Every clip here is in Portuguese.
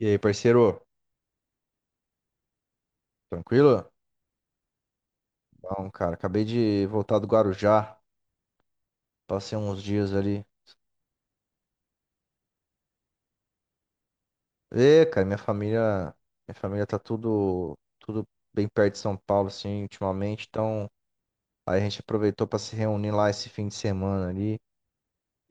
E aí, parceiro? Tranquilo? Bom, cara, acabei de voltar do Guarujá. Passei uns dias ali. Ê, cara, minha família tá tudo bem perto de São Paulo, assim, ultimamente. Então, aí a gente aproveitou pra se reunir lá esse fim de semana ali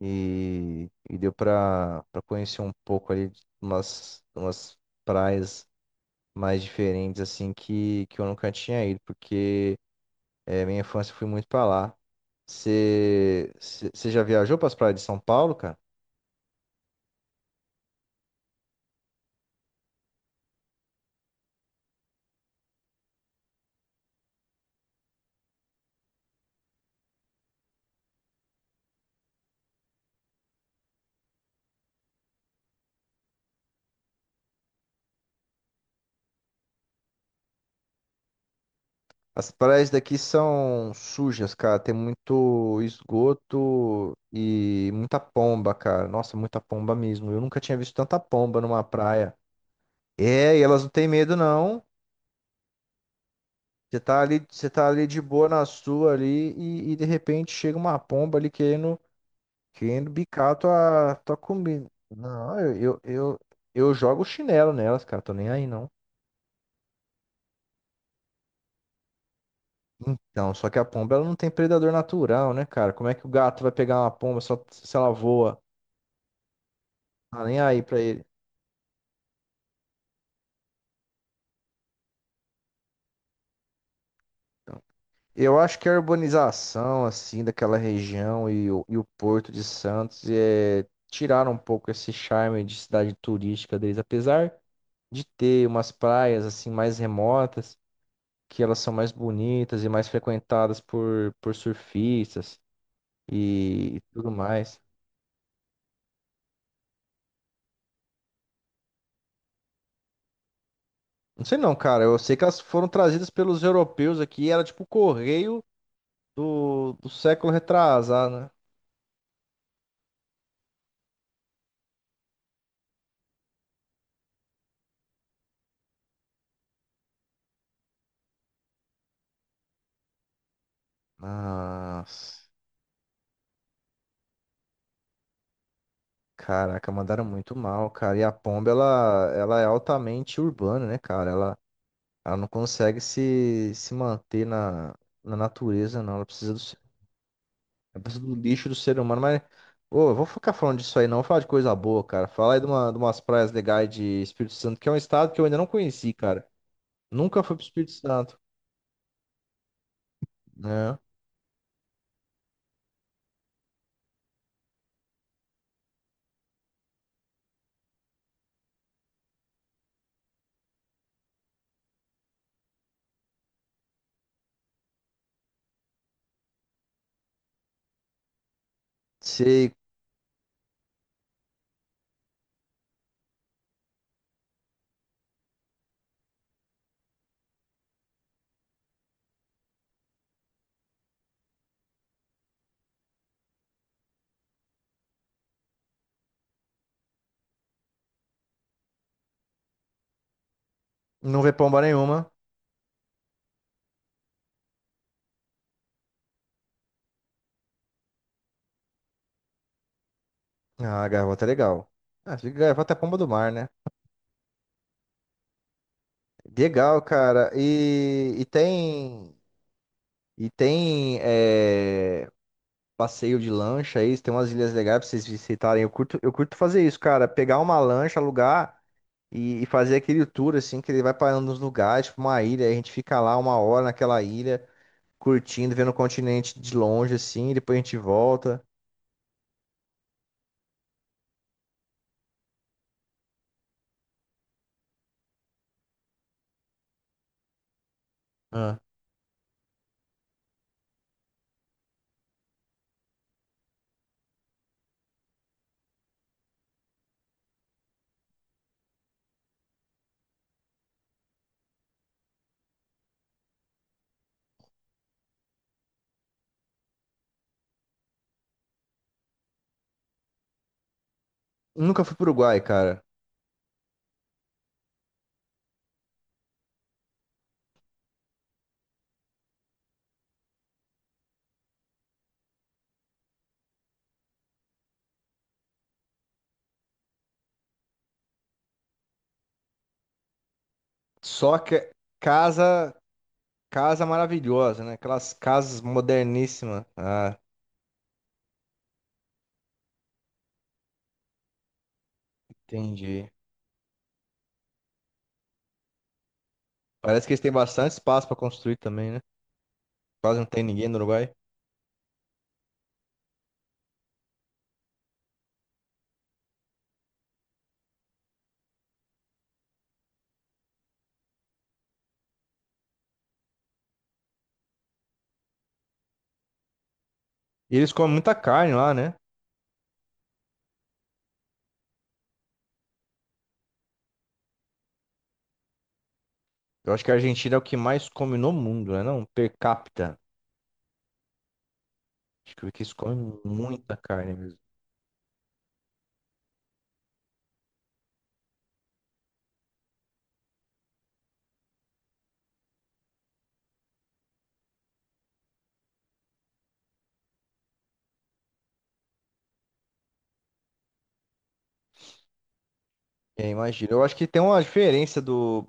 e deu pra conhecer um pouco ali de umas praias mais diferentes, assim, que eu nunca tinha ido, porque minha infância eu fui muito pra lá. Você já viajou para as praias de São Paulo, cara? As praias daqui são sujas, cara. Tem muito esgoto e muita pomba, cara. Nossa, muita pomba mesmo. Eu nunca tinha visto tanta pomba numa praia. É, e elas não têm medo, não. Você tá ali de boa na sua ali e de repente chega uma pomba ali querendo, querendo bicar a tua comida. Não, eu jogo chinelo nelas, cara. Tô nem aí, não. Então, só que a pomba ela não tem predador natural, né, cara? Como é que o gato vai pegar uma pomba só se ela voa? Tá nem aí pra ele. Então, eu acho que a urbanização, assim, daquela região e o Porto de Santos tiraram um pouco esse charme de cidade turística deles, apesar de ter umas praias, assim, mais remotas, que elas são mais bonitas e mais frequentadas por surfistas e tudo mais. Não sei não, cara. Eu sei que elas foram trazidas pelos europeus aqui. Era tipo o correio do século retrasado, né? Mas, caraca, mandaram muito mal, cara. E a pomba, ela é altamente urbana, né, cara? Ela não consegue se manter na natureza, não. Ela precisa do lixo do ser humano. Mas, ô, eu vou ficar falando disso aí, não. Vou falar de coisa boa, cara. Fala aí de umas praias legais de Espírito Santo, que é um estado que eu ainda não conheci, cara. Nunca fui pro Espírito Santo, né? Se não vê pomba nenhuma, ah, a gaivota é legal. Ah, se gaivota é pomba do mar, né? Legal, cara. E tem passeio de lancha aí, tem umas ilhas legais pra vocês visitarem. Eu curto fazer isso, cara. Pegar uma lancha, alugar e fazer aquele tour assim, que ele vai parando nos lugares, tipo uma ilha, aí a gente fica lá uma hora naquela ilha, curtindo, vendo o continente de longe assim, e depois a gente volta. Ah. Nunca fui pro Uruguai, cara. Só que casa Casa maravilhosa, né? Aquelas casas moderníssimas. Ah, entendi. Parece que eles têm bastante espaço pra construir também, né? Quase não tem ninguém no Uruguai. E eles comem muita carne lá, né? Eu acho que a Argentina é o que mais come no mundo, né? Não, per capita. Acho que eles comem muita carne mesmo. É, imagina. Eu acho que tem uma diferença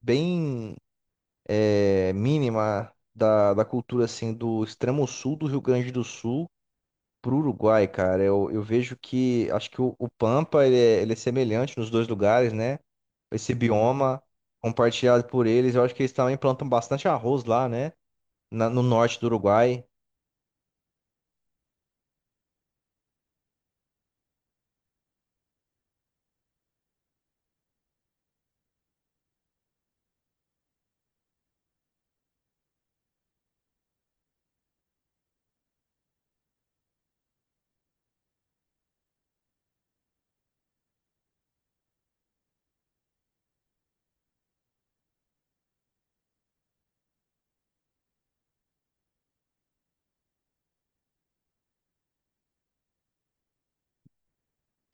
bem mínima da cultura assim do extremo sul do Rio Grande do Sul pro Uruguai, cara, eu vejo que acho que o Pampa ele é semelhante nos dois lugares, né? Esse bioma compartilhado por eles, eu acho que eles também plantam bastante arroz lá, né? No norte do Uruguai.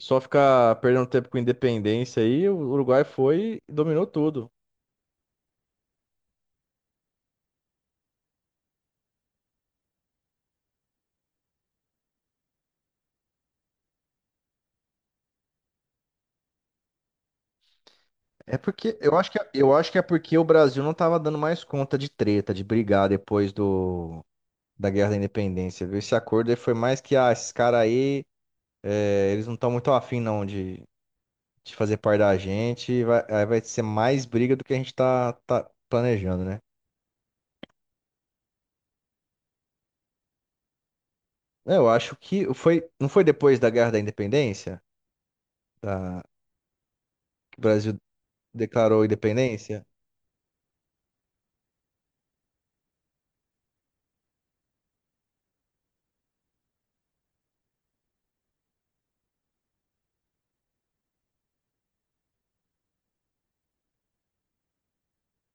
Só ficar perdendo tempo com independência aí, o Uruguai foi e dominou tudo. É porque eu acho que é porque o Brasil não tava dando mais conta de treta, de brigar depois do da Guerra da Independência, viu? Esse acordo aí foi mais que esses caras aí, eles não estão muito afim não de fazer parte da gente, e vai, aí vai ser mais briga do que a gente tá planejando, né? Eu acho que foi, não foi depois da Guerra da Independência, da, que o Brasil declarou a independência?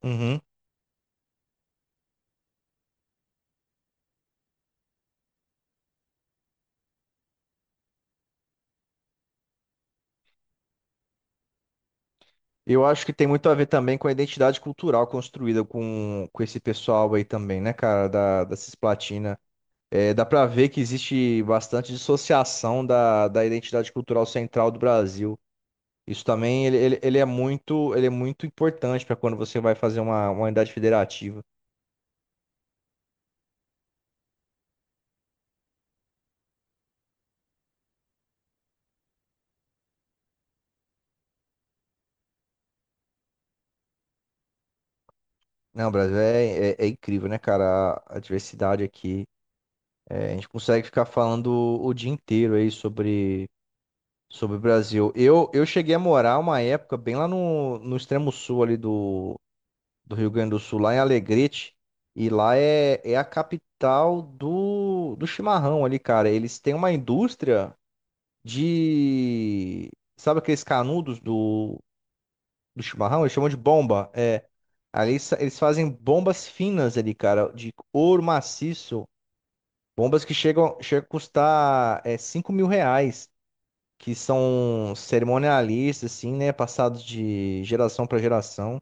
Uhum. Eu acho que tem muito a ver também com a identidade cultural construída com esse pessoal aí também, né, cara, da Cisplatina. É, dá pra ver que existe bastante dissociação da identidade cultural central do Brasil. Isso também, ele é muito importante para quando você vai fazer uma unidade federativa. Não, o Brasil é incrível, né, cara? A diversidade aqui. É, a gente consegue ficar falando o dia inteiro aí sobre o Brasil. Eu cheguei a morar uma época bem lá no extremo sul ali do Rio Grande do Sul, lá em Alegrete. E lá é a capital do chimarrão ali, cara. Eles têm uma indústria de... Sabe aqueles canudos do chimarrão, eles chamam de bomba. É, ali eles fazem bombas finas ali, cara, de ouro maciço. Bombas que chegam a custar 5 mil reais, que são cerimonialistas, assim, né? Passados de geração para geração.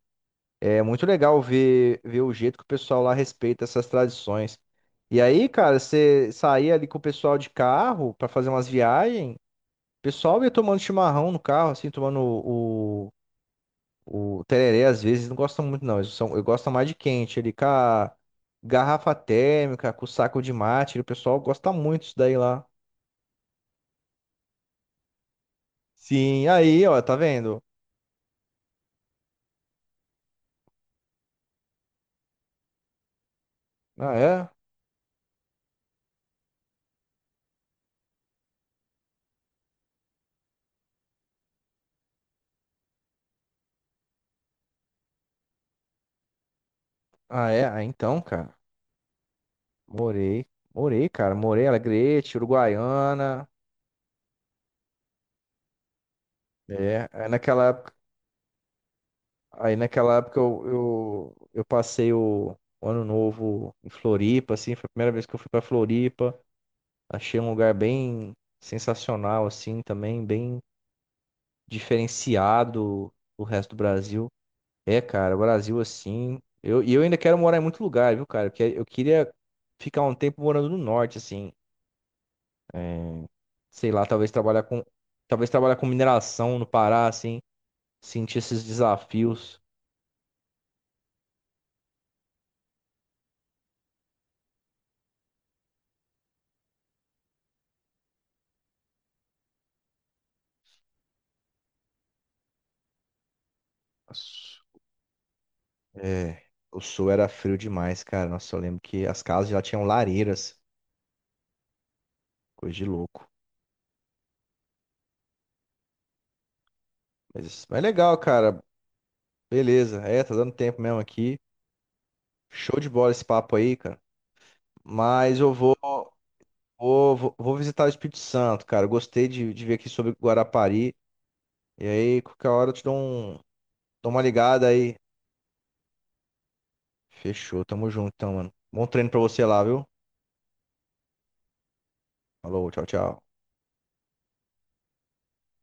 É muito legal ver o jeito que o pessoal lá respeita essas tradições. E aí, cara, você saía ali com o pessoal de carro para fazer umas viagens, o pessoal ia tomando chimarrão no carro, assim, tomando o tereré, às vezes, não gostam muito, não. Eu gosto mais de quente. Ele com a garrafa térmica, com o saco de mate. O pessoal gosta muito disso daí lá. Sim, aí, ó, tá vendo? Ah, é? Ah, é? Ah, então, cara. Morei. Morei, cara. Morei em Alegrete, Uruguaiana. É, aí naquela época eu passei o ano novo em Floripa, assim. Foi a primeira vez que eu fui pra Floripa. Achei um lugar bem sensacional, assim, também. Bem diferenciado do resto do Brasil. É, cara, o Brasil assim. E eu ainda quero morar em muito lugar, viu, cara? Porque eu queria ficar um tempo morando no norte, assim. É, sei lá, talvez trabalhar com mineração no Pará, assim. Sentir esses desafios. Nossa, É, o sul era frio demais, cara. Nossa, eu lembro que as casas já tinham lareiras. Coisa de louco. Mas legal, cara. Beleza. É, tá dando tempo mesmo aqui. Show de bola esse papo aí, cara. Mas eu vou. Vou visitar o Espírito Santo, cara. Gostei de ver aqui sobre Guarapari. E aí, qualquer hora eu te dou uma ligada aí. Fechou, tamo junto então, mano. Bom treino pra você lá, viu? Falou, tchau, tchau.